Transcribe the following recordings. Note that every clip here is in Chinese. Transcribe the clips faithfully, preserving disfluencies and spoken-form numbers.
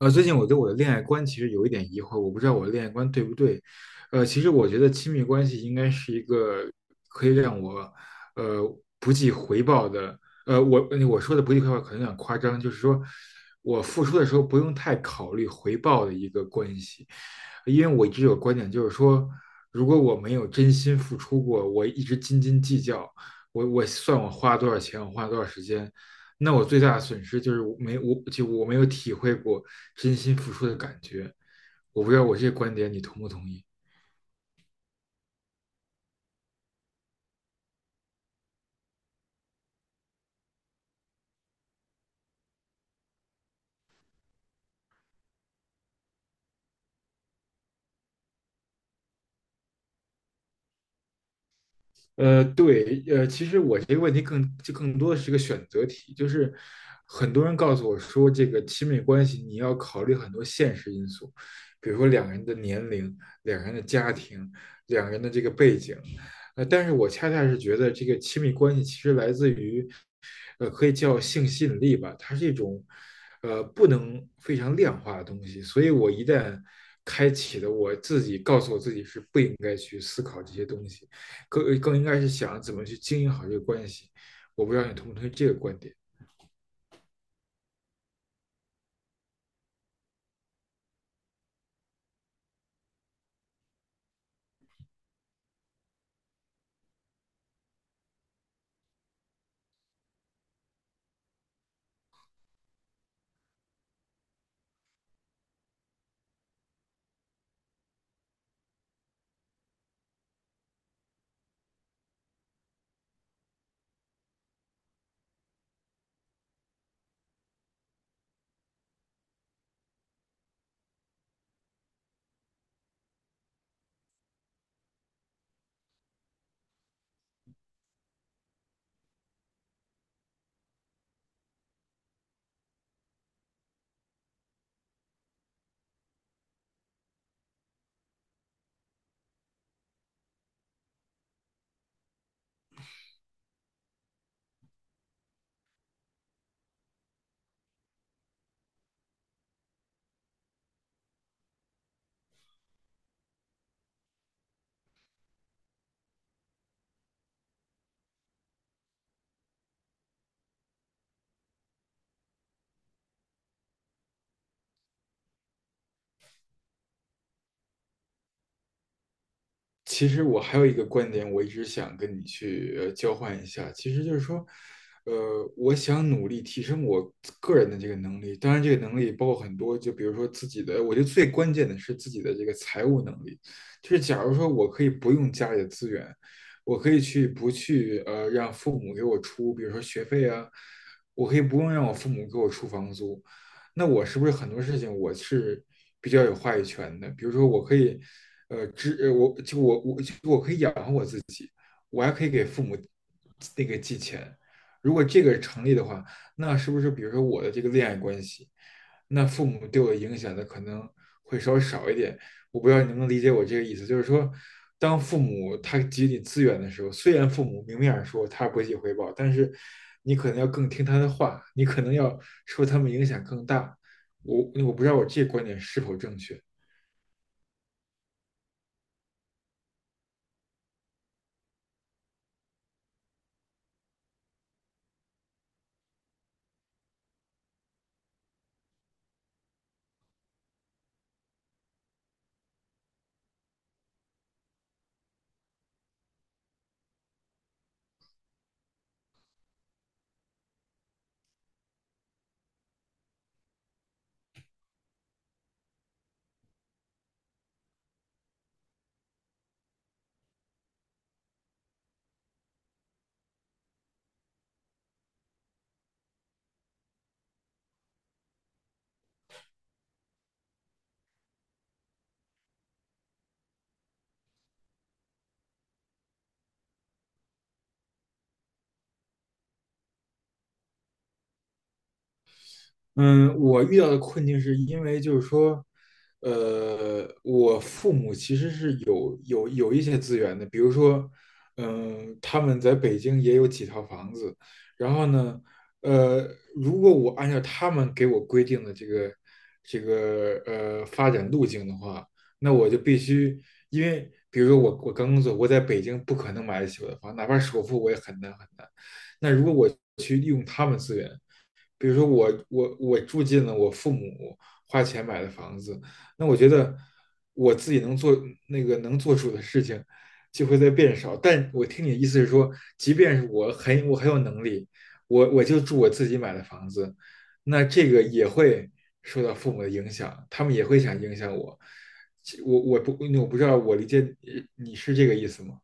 呃，最近我对我的恋爱观其实有一点疑惑，我不知道我的恋爱观对不对。呃，其实我觉得亲密关系应该是一个可以让我呃不计回报的。呃，我呃我说的不计回报可能有点夸张，就是说我付出的时候不用太考虑回报的一个关系。因为我一直有观点，就是说，如果我没有真心付出过，我一直斤斤计较，我我算我花了多少钱，我花了多少时间，那我最大的损失就是我没我就我没有体会过真心付出的感觉。我不知道我这个观点你同不同意。呃，对，呃，其实我这个问题更就更多的是一个选择题，就是很多人告诉我说，这个亲密关系你要考虑很多现实因素，比如说两个人的年龄、两个人的家庭、两个人的这个背景，呃，但是我恰恰是觉得这个亲密关系其实来自于，呃，可以叫性吸引力吧，它是一种，呃，不能非常量化的东西，所以我一旦开启了，我自己告诉我自己是不应该去思考这些东西。更更应该是想怎么去经营好这个关系。我不知道你同不同意这个观点。其实我还有一个观点，我一直想跟你去呃交换一下，其实就是说，呃，我想努力提升我个人的这个能力，当然这个能力包括很多，就比如说自己的，我觉得最关键的是自己的这个财务能力，就是假如说我可以不用家里的资源，我可以去不去呃让父母给我出，比如说学费啊，我可以不用让我父母给我出房租，那我是不是很多事情我是比较有话语权的？比如说，我可以，呃，支，呃我就我我就我可以养我还可以给父母那个寄钱。如果这个成立的话，那是不是比如说我的这个恋爱关系，那父母对我的影响的可能会稍微少一点？我不知道你能不能理解我这个意思，就是说，当父母他给予你资源的时候，虽然父母明面上说他不计回报，但是你可能要更听他的话，你可能要受他们影响更大。我我不知道我这个观点是否正确。嗯，我遇到的困境是因为就是说，呃，我父母其实是有有有一些资源的，比如说，嗯，他们在北京也有几套房子，然后呢，呃，如果我按照他们给我规定的这个这个呃发展路径的话，那我就必须，因为比如说我我刚工作，我在北京不可能买得起我的房，哪怕首付我也很难很难。那如果我去利用他们资源。比如说我我我住进了我父母花钱买的房子，那我觉得我自己能做那个能做出的事情就会在变少。但我听你的意思是说，即便是我很我很有能力，我我就住我自己买的房子，那这个也会受到父母的影响，他们也会想影响我。我我不我不知道我理解你是这个意思吗？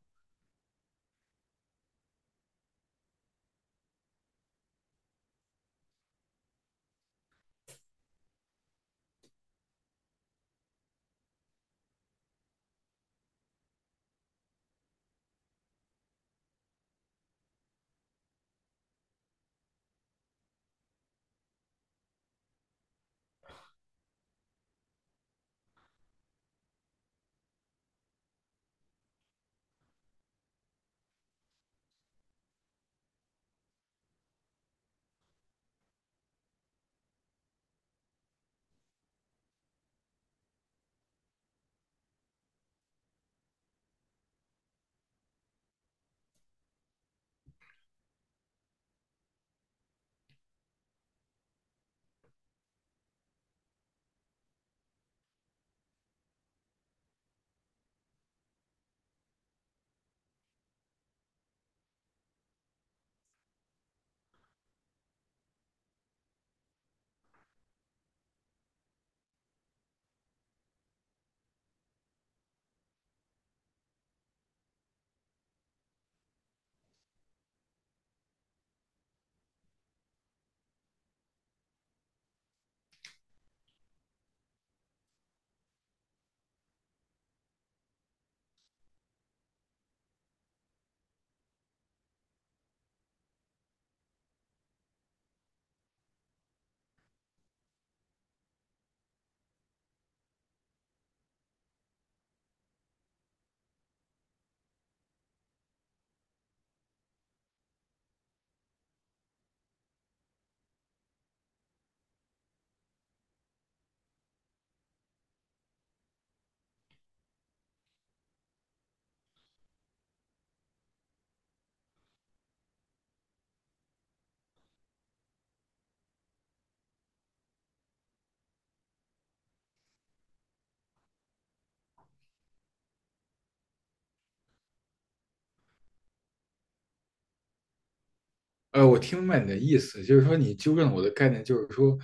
呃，我听明白你的意思，就是说你纠正了我的概念，就是说，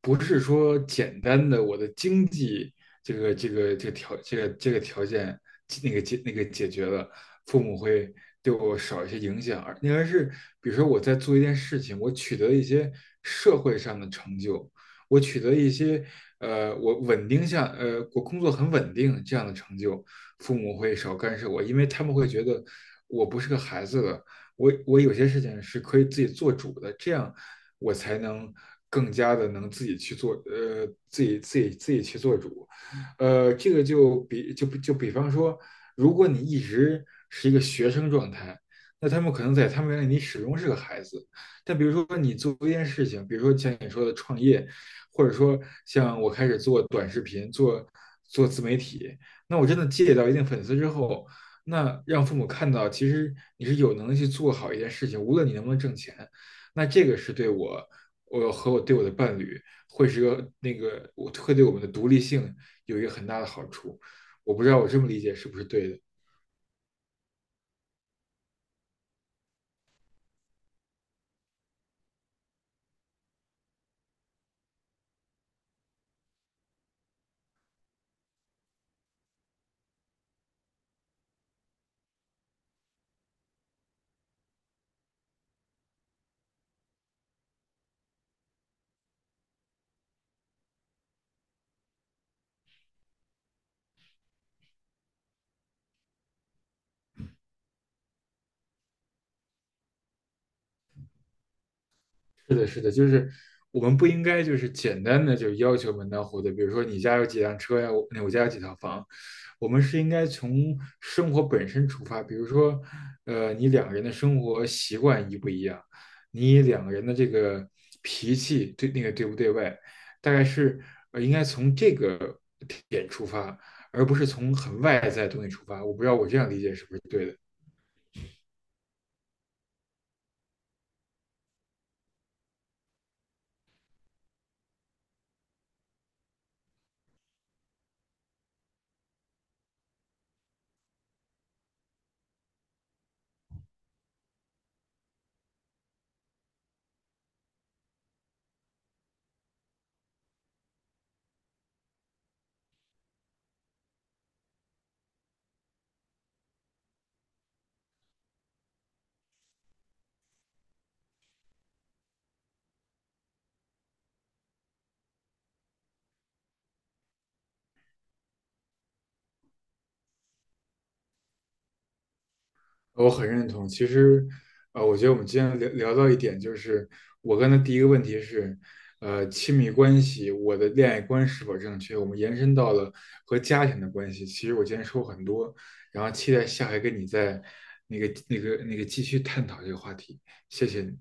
不是说简单的我的经济这个这个这个条这个这个条件那个解那个解决了，父母会对我少一些影响，而应该是比如说我在做一件事情，我取得一些社会上的成就，我取得一些呃我稳定下呃我工作很稳定这样的成就，父母会少干涉我，因为他们会觉得我不是个孩子了。我我有些事情是可以自己做主的，这样我才能更加的能自己去做，呃，自己自己自己去做主，呃，这个就比就就比方说，如果你一直是一个学生状态，那他们可能在他们眼里你始终是个孩子，但比如说你做一件事情，比如说像你说的创业，或者说像我开始做短视频，做做自媒体，那我真的积累到一定粉丝之后，那让父母看到，其实你是有能力去做好一件事情，无论你能不能挣钱，那这个是对我，我和我对我的伴侣，会是个那个，我会对我们的独立性有一个很大的好处。我不知道我这么理解是不是对的。是的，是的，就是我们不应该就是简单的就要求门当户对，比如说你家有几辆车呀，我我家有几套房，我们是应该从生活本身出发，比如说，呃，你两个人的生活习惯一不一样，你两个人的这个脾气对那个对不对外，大概是呃应该从这个点出发，而不是从很外在的东西出发。我不知道我这样理解是不是对的。我很认同。其实，呃，我觉得我们今天聊聊到一点，就是我刚才第一个问题是，呃，亲密关系，我的恋爱观是否正确？我们延伸到了和家庭的关系。其实我今天说很多，然后期待下回跟你再那个、那个、那个继续探讨这个话题。谢谢你。